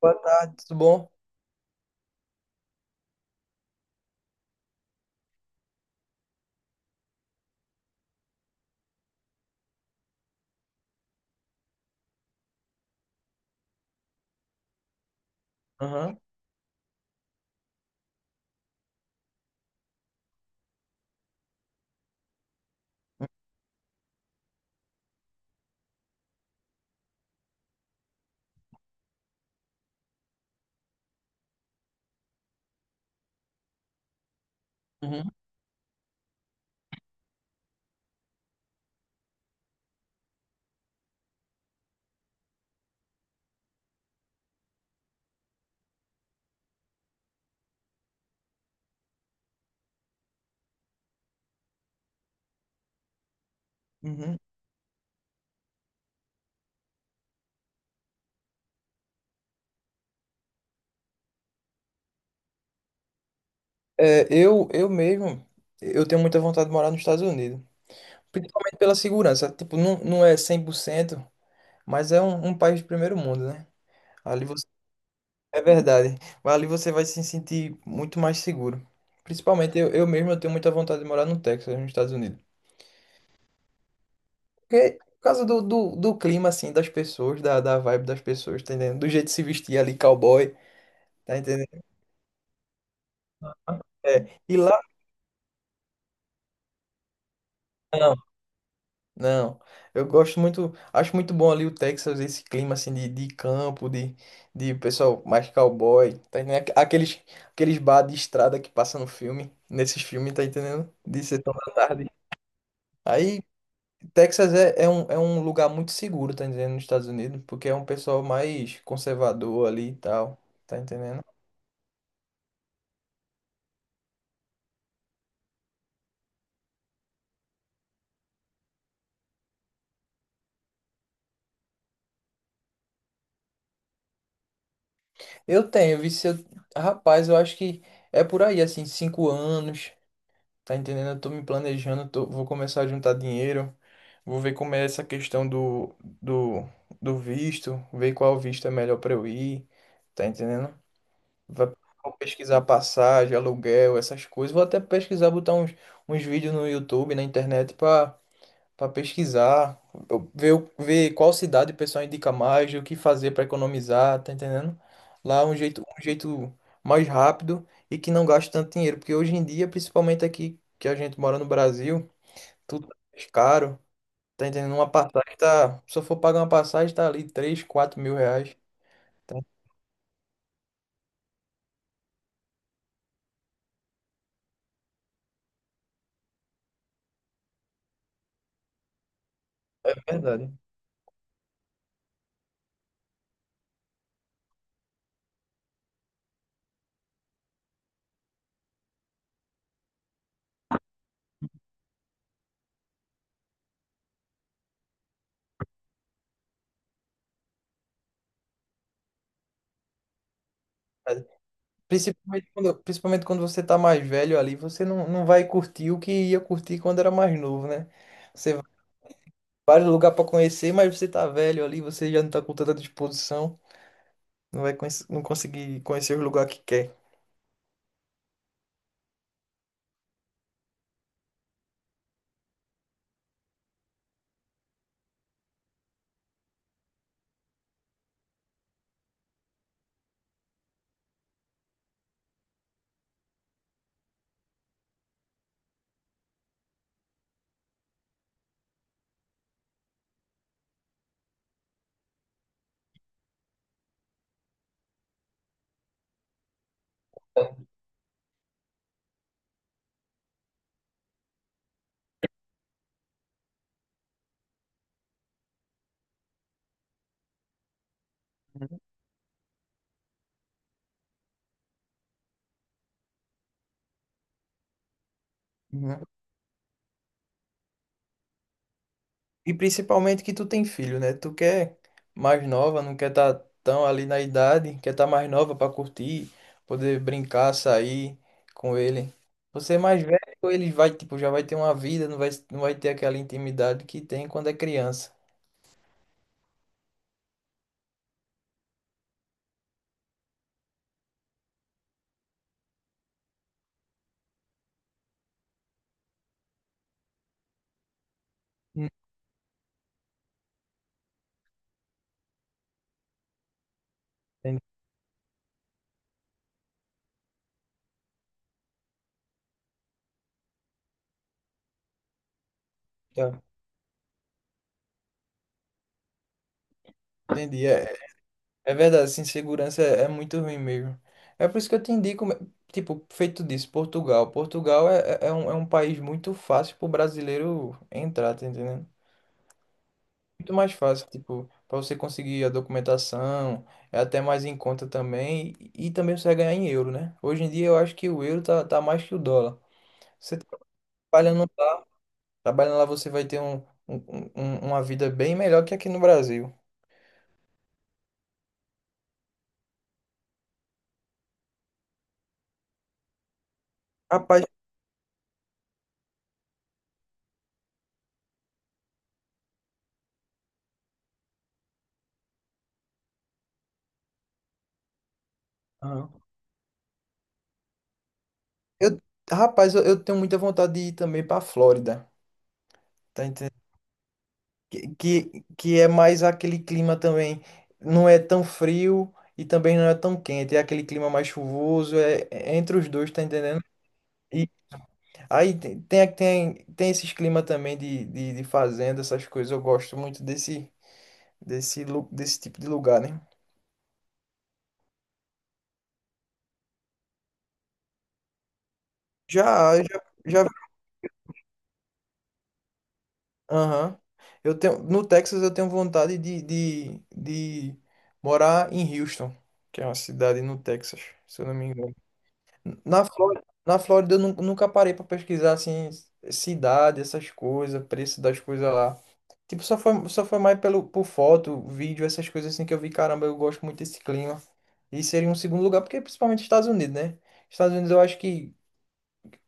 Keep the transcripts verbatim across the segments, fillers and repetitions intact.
Boa tarde, tudo bom? Aham. Uhum. Uhum. É, eu, eu mesmo, eu tenho muita vontade de morar nos Estados Unidos. Principalmente pela segurança. Tipo, não, não é cem por cento, mas é um, um país de primeiro mundo, né? Ali você... É verdade. Mas ali você vai se sentir muito mais seguro. Principalmente eu, eu mesmo, eu tenho muita vontade de morar no Texas, nos Estados Unidos. Porque, por causa do, do, do clima, assim, das pessoas, da, da vibe das pessoas, tá entendendo? Do jeito de se vestir ali, cowboy, tá entendendo? É. E lá... Não. Não, eu gosto muito, acho muito bom ali o Texas, esse clima assim de, de campo, de, de pessoal mais cowboy, tá entendendo? Aqu- Aqueles, aqueles bar de estrada que passa no filme, nesses filmes, tá entendendo? De sessão da tarde. Aí, Texas é, é um, é um lugar muito seguro, tá entendendo, nos Estados Unidos, porque é um pessoal mais conservador ali e tal, tá entendendo? Eu tenho, vi se eu, Rapaz, eu acho que é por aí, assim, cinco anos, tá entendendo? Eu tô me planejando, tô, vou começar a juntar dinheiro. Vou ver como é essa questão do, do, do visto, ver qual visto é melhor para eu ir, tá entendendo? Va- Vou pesquisar passagem, aluguel, essas coisas. Vou até pesquisar, botar uns, uns vídeos no YouTube, na internet, para para pesquisar, eu- ver, o- ver qual cidade o pessoal indica mais, o que fazer para economizar, tá entendendo? Lá é um jeito, um jeito mais rápido e que não gasta tanto dinheiro, porque hoje em dia, principalmente aqui que a gente mora no Brasil, tudo é mais caro. Tá entendendo? Uma passagem tá. Se eu for pagar uma passagem, tá ali três quatro mil reais. Então, é verdade. é Principalmente quando, principalmente quando você tá mais velho ali, você não, não vai curtir o que ia curtir quando era mais novo, né? Você vai em vários lugares pra conhecer, mas você tá velho ali, você já não tá com tanta disposição, não vai conhece- não conseguir conhecer o lugar que quer. Uhum. E principalmente que tu tem filho, né? Tu quer mais nova, não quer estar tão ali na idade, quer estar mais nova para curtir, poder brincar, sair com ele. Você é mais velho, ele vai, tipo, já vai ter uma vida, não vai, não vai ter aquela intimidade que tem quando é criança. Hum. Entendi. Tá. Entendi. É, é verdade, essa insegurança é, é muito ruim mesmo. É por isso que eu te indico, tipo, feito disso, Portugal. Portugal é, é é um, é um país muito fácil pro brasileiro entrar, tá entendendo? Muito mais fácil, tipo, para você conseguir a documentação, é até mais em conta também, e e também você vai ganhar em euro, né? Hoje em dia eu acho que o euro tá, tá mais que o dólar. Você trabalhando lá, trabalhando lá você vai ter um, um- um- uma vida bem melhor que aqui no Brasil. Rapaz. Aham. Eu, rapaz, eu, eu tenho muita vontade de ir também para Flórida, tá entendendo? Que, que, que é mais aquele clima também, não é tão frio e também não é tão quente, é aquele clima mais chuvoso, é, é entre os dois, tá entendendo? Aí tem, tem, tem, tem esses clima também de, de, de fazenda, essas coisas. Eu gosto muito desse, desse, lu- desse tipo de lugar, né? Já, já, já, aham. Eu tenho, no Texas eu tenho vontade de, de, de morar em Houston, que é uma cidade no Texas, se eu não me engano. Na Flórida, na Flórida eu nun- nunca parei para pesquisar assim cidade, essas coisas, preço das coisas lá. Tipo, só foi, só foi mais pelo, por foto, vídeo, essas coisas assim que eu vi, caramba, eu gosto muito desse clima. E seria um segundo lugar, porque principalmente Estados Unidos, né? Estados Unidos, eu acho que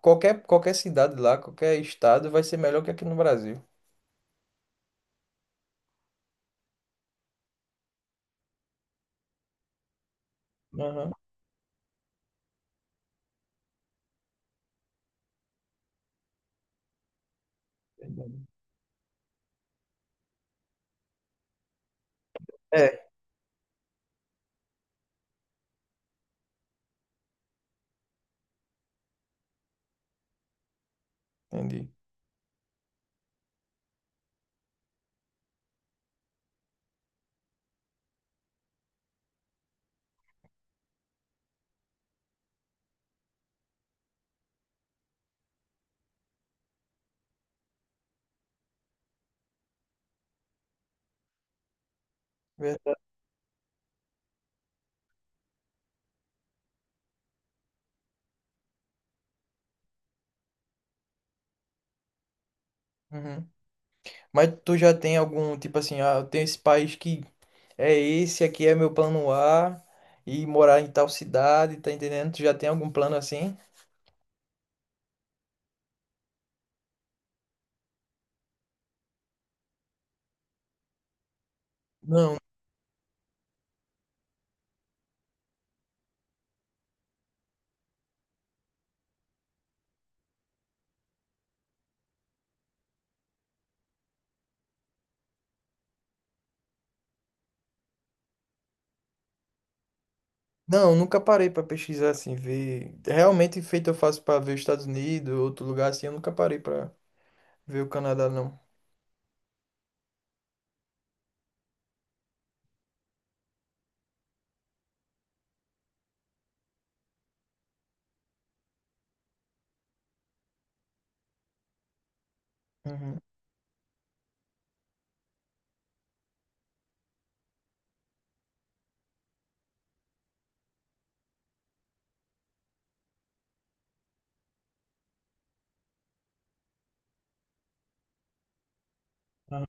qualquer, qualquer cidade lá, qualquer estado vai ser melhor que aqui no Brasil. Aham. Verdade. É, entendi. Verdade. Uhum. Mas tu já tem algum, tipo assim, ah, eu tenho esse país que é esse, aqui é meu plano á, e morar em tal cidade, tá entendendo? Tu já tem algum plano assim? Não, não, nunca parei pra pesquisar assim, ver. Realmente feito eu faço pra ver os Estados Unidos, outro lugar assim, eu nunca parei pra ver o Canadá, não. Uhum. Aham.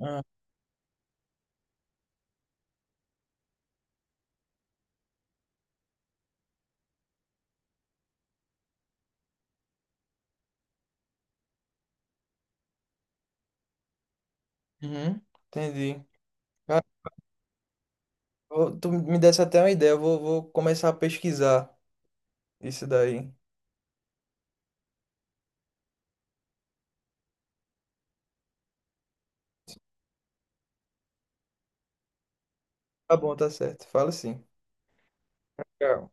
Ah, uhum, entendi. Cara, eu- tu me desse até uma ideia, eu vou, vou começar a pesquisar isso daí. Tá bom, tá certo. Fala sim. Tchau.